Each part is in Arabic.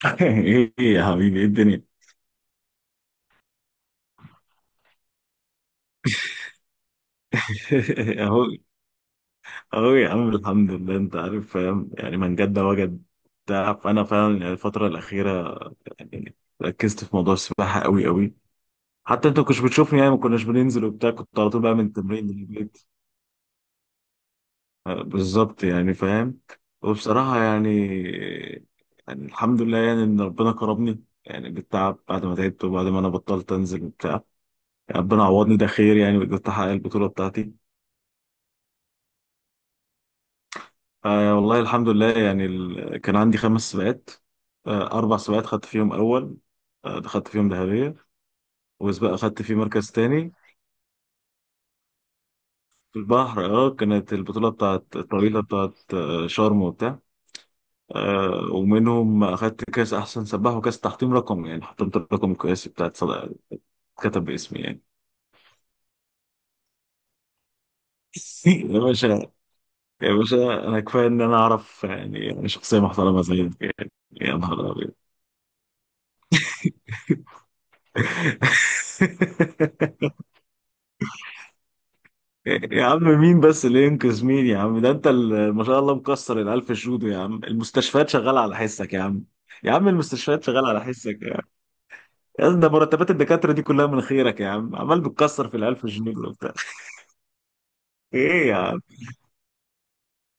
ايه يا حبيبي، ايه الدنيا؟ اهو، اهو يا عم، الحمد لله، انت عارف فاهم يعني من جد وجد. تعرف، انا فعلا يعني الفتره الاخيره، يعني ركزت في موضوع السباحه قوي قوي. حتى انت ما كنتش بتشوفني يعني، ما كناش بننزل وبتاع، كنت على طول بقى من التمرين للبيت. آه، بالظبط يعني فاهم. وبصراحه يعني الحمد لله يعني ان ربنا كرمني يعني بالتعب، بعد ما تعبت وبعد ما انا بطلت انزل وبتاع. يعني ربنا عوضني، ده خير يعني، وقدرت احقق البطوله بتاعتي. آه، والله الحمد لله يعني، كان عندي خمس سباقات. آه، أربع سباقات خدت فيهم أول. آه، خدت فيهم ذهبية. وسباق خدت فيه مركز تاني. في البحر، اه كانت البطولة بتاعت الطويلة بتاعت شرم وبتاع. آه، ومنهم أخدت كأس أحسن سباح وكأس تحطيم رقم، يعني حطمت الرقم القياسي بتاعت صدق، كتب باسمي يعني. يا باشا، يا باشا، أنا كفاية إن أنا أعرف يعني، أنا شخصية محترمة زيك يعني. يا نهار أبيض. يا عم، مين بس اللي ينقذ مين يا عم؟ ده انت ما شاء الله مكسر الالف جودو، يا عم المستشفيات شغاله على حسك يا عم. يا عم المستشفيات شغاله على حسك يا عم. يا عم، ده مرتبات الدكاتره دي كلها من خيرك يا عم، عمال بتكسر في الالف جنيه دول وبتاع. ايه يا عم؟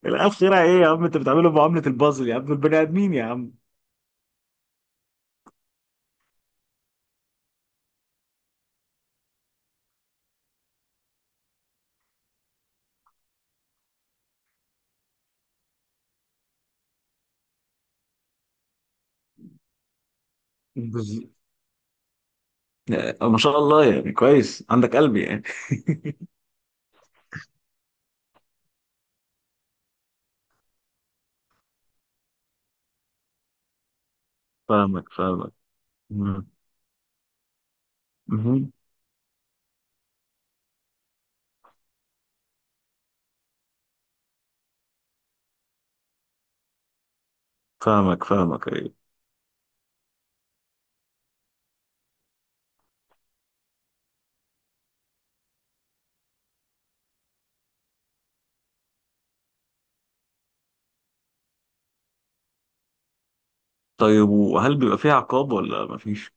الالف خيرها ايه يا عم؟ انت بتعمله معامله البازل، يا عم دول بني ادمين يا عم. بز- ما شاء الله يعني، كويس عندك قلب يعني. فاهمك، فاهمك. مم. مهم. فاهمك، فاهمك ايه. طيب، وهل بيبقى فيه عقاب ولا مفيش؟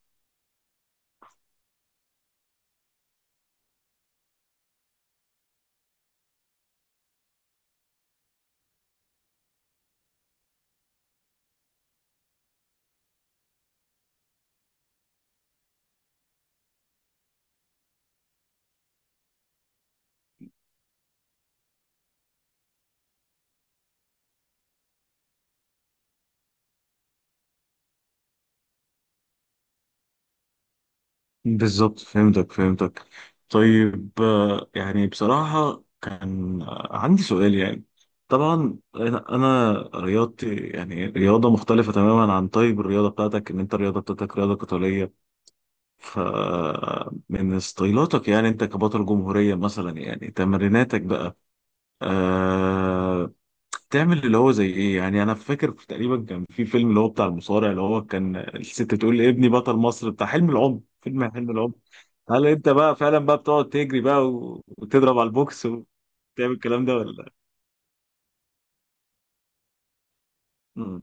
بالظبط، فهمتك، فهمتك. طيب، يعني بصراحة كان عندي سؤال يعني. طبعا أنا رياضتي يعني رياضة مختلفة تماما عن طيب الرياضة بتاعتك، إن أنت الرياضة بتاعتك رياضة قتالية. فمن ستايلاتك يعني، أنت كبطل جمهورية مثلا يعني تمريناتك بقى، آه، تعمل اللي هو زي ايه يعني. انا فاكر تقريبا كان في فيلم اللي هو بتاع المصارع، اللي هو كان الست بتقول لابني بطل مصر، بتاع حلم العمر، فيلم حلم العمر. هل انت بقى فعلا بقى بتقعد تجري بقى، و- وتضرب على البوكس وتعمل الكلام ده ولا؟ امم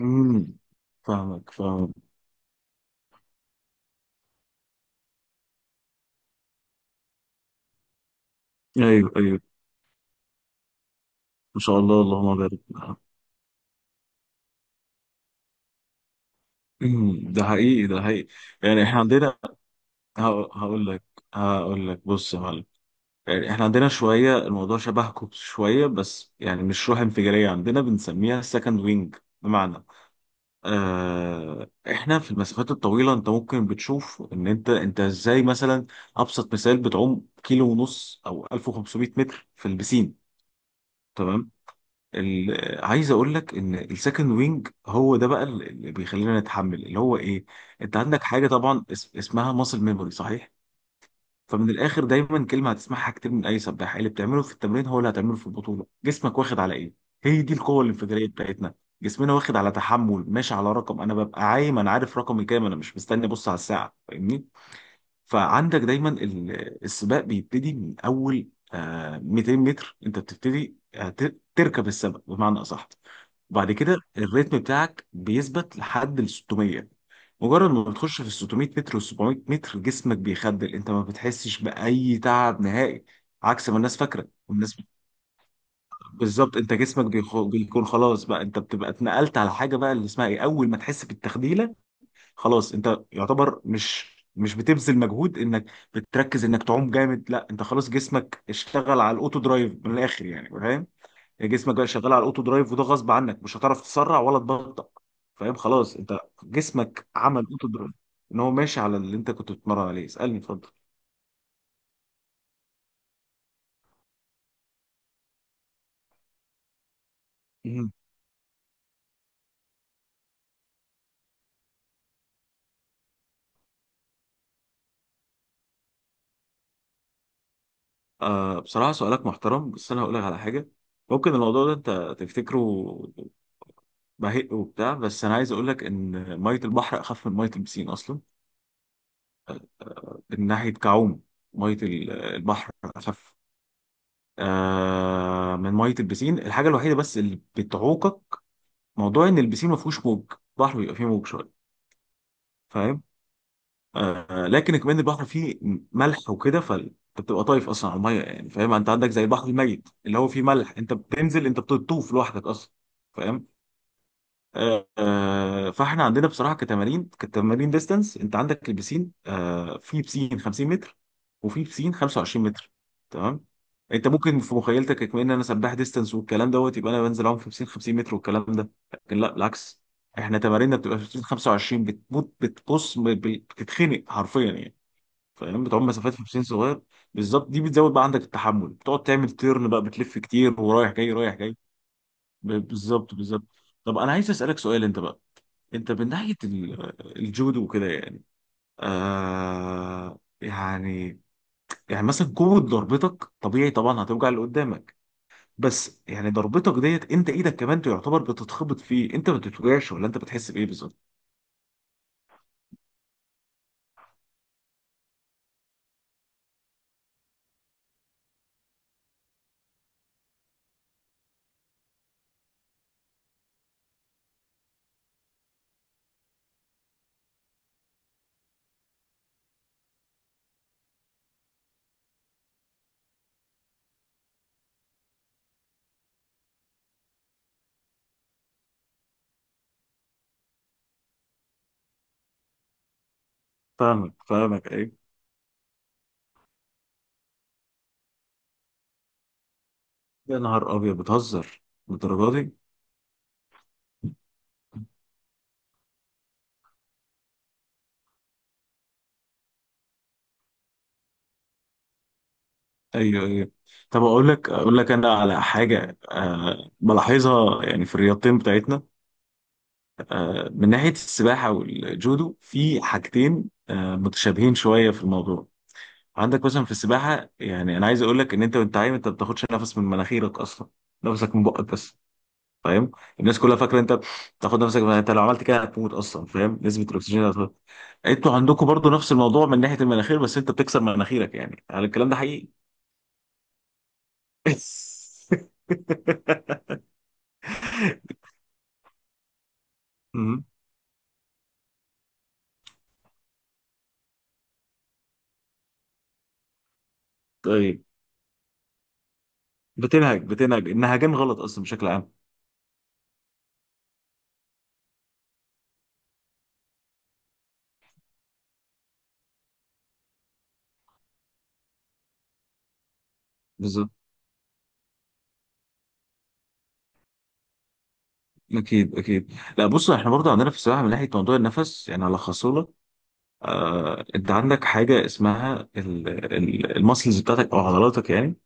امم فاهمك، فاهمك، ايوه، ايوه. ما شاء الله، اللهم بارك. ده حقيقي، ده حقيقي. يعني احنا عندنا، هق- هقول لك هقول لك بص يا معلم. يعني احنا عندنا شوية، الموضوع شبهكم شوية، بس يعني مش روح انفجارية، عندنا بنسميها سكند وينج. بمعنى، اه، احنا في المسافات الطويلة، انت ممكن بتشوف ان انت ازاي مثلا. ابسط مثال، بتعوم كيلو ونص او 1500 متر في البسين، تمام. عايز اقول لك ان السكند وينج هو ده بقى اللي بيخلينا نتحمل، اللي هو ايه. انت عندك حاجة طبعا، اسمها ماسل ميموري، صحيح. فمن الاخر، دايما كلمه هتسمعها كتير من اي سباح، اللي بتعمله في التمرين هو اللي هتعمله في البطوله، جسمك واخد على ايه. هي دي القوه الانفجاريه بتاعتنا. جسمنا واخد على تحمل، ماشي على رقم، انا ببقى عايم انا عارف رقمي كام، انا مش مستني ابص على الساعه، فاهمني. فعندك دايما السباق بيبتدي من اول 200 متر، انت بتبتدي تركب السبق بمعنى اصح. وبعد كده الريتم بتاعك بيثبت لحد ال 600. مجرد ما بتخش في ال 600 متر وال 700 متر، جسمك بيخدل، انت ما بتحسش بأي تعب نهائي. عكس ما الناس فاكره، الناس. بالظبط، انت جسمك بيكون خلاص بقى، انت بتبقى اتنقلت على حاجه بقى اللي اسمها ايه، اول ما تحس بالتخديله. خلاص، انت يعتبر مش بتبذل مجهود انك بتركز انك تعوم جامد، لا انت خلاص جسمك اشتغل على الاوتو درايف من الاخر يعني، فاهم. جسمك بقى شغال على الاوتو درايف، وده غصب عنك، مش هتعرف تسرع ولا تبطأ. فاهم، خلاص انت جسمك عمل اوتو درايف. ان هو ماشي على اللي انت كنت بتتمرن عليه، اسألني اتفضل. مهم. آه، بصراحة سؤالك محترم، بس أنا هقول لك على حاجة. ممكن الموضوع ده أنت تفتكره بهق وبتاع، بس أنا عايز أقول لك إن مية البحر أخف من مية البسين أصلا. من ناحية كعوم، مية البحر أخف من مية البسين. الحاجة الوحيدة بس اللي بتعوقك، موضوع إن البسين ما فيهوش موج، البحر بيبقى فيه موج شوية، فاهم. آه، لكن كمان البحر فيه ملح وكده، فانت بتبقى طايف اصلا على الميه يعني، فاهم، انت عندك زي البحر الميت اللي هو فيه ملح، انت بتنزل انت بتطوف لوحدك اصلا. فاهم. فاحنا عندنا بصراحه كتمارين ديستانس، انت عندك البسين، في بسين 50 متر، وفي بسين 25 متر، تمام. انت ممكن في مخيلتك كمان ان انا سباح ديستانس والكلام دوت، يبقى انا بنزل اعوم في بسين 50 متر والكلام ده، لكن لا بالعكس. احنا تماريننا بتبقى في بسين 25، بتموت بتبص بتتخنق حرفيا يعني. فاهم، بتعوم مسافات في بسين صغير. بالظبط، دي بتزود بقى عندك التحمل، بتقعد تعمل تيرن بقى بتلف كتير ورايح جاي رايح جاي. بالظبط، بالظبط. طب انا عايز اسالك سؤال انت بقى. انت من ناحية الجودو وكده يعني، آه، يعني مثلا قوة ضربتك طبيعي طبعا هتوجع اللي قدامك. بس يعني ضربتك ديت انت ايدك كمان تعتبر بتتخبط فيه، انت ما بتتوجعش ولا انت بتحس بايه بالظبط؟ فاهمك، فاهمك ايه. يا نهار ابيض، بتهزر للدرجه دي؟ ايوه، ايوه. طب اقول لك انا على حاجه بلاحظها يعني في الرياضتين بتاعتنا. أه، من ناحيه السباحه والجودو، في حاجتين متشابهين شويه في الموضوع. عندك مثلا في السباحه يعني، انا عايز اقول لك ان انت وانت عايم انت ما بتاخدش نفس من مناخيرك اصلا، نفسك من بقك بس، فاهم. الناس كلها فاكره انت بتاخد نفسك انت لو عملت كده هتموت اصلا، فاهم، نسبه الاكسجين هتخلص. انتوا عندكم برضو نفس الموضوع من ناحيه المناخير، بس انت بتكسر مناخيرك يعني، على الكلام ده حقيقي. مم. طيب، بتنهج النهجان غلط اصلا بشكل عام. بالظبط، اكيد اكيد. لا، بص، احنا برضو عندنا في السباحه من ناحيه موضوع النفس يعني، هلخصه لك. آه، انت عندك حاجه اسمها المسلز بتاعتك او عضلاتك يعني،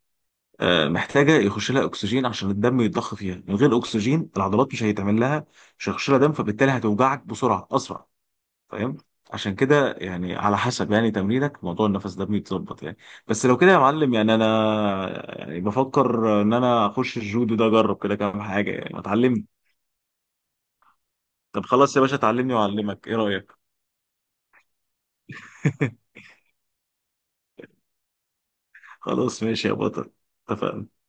آه، محتاجه يخش لها اكسجين عشان الدم يتضخ فيها، من غير اكسجين العضلات مش هيتعمل لها، مش هيخش لها دم، فبالتالي هتوجعك بسرعه اسرع، فاهم. عشان كده يعني، على حسب يعني تمرينك موضوع النفس ده بيتظبط يعني. بس لو كده يا معلم يعني انا، يعني بفكر ان انا اخش الجودو ده اجرب كده كام حاجه يعني اتعلم. طب خلاص يا باشا، اتعلمني واعلمك، ايه رايك؟ خلاص ماشي يا بطل، اتفقنا.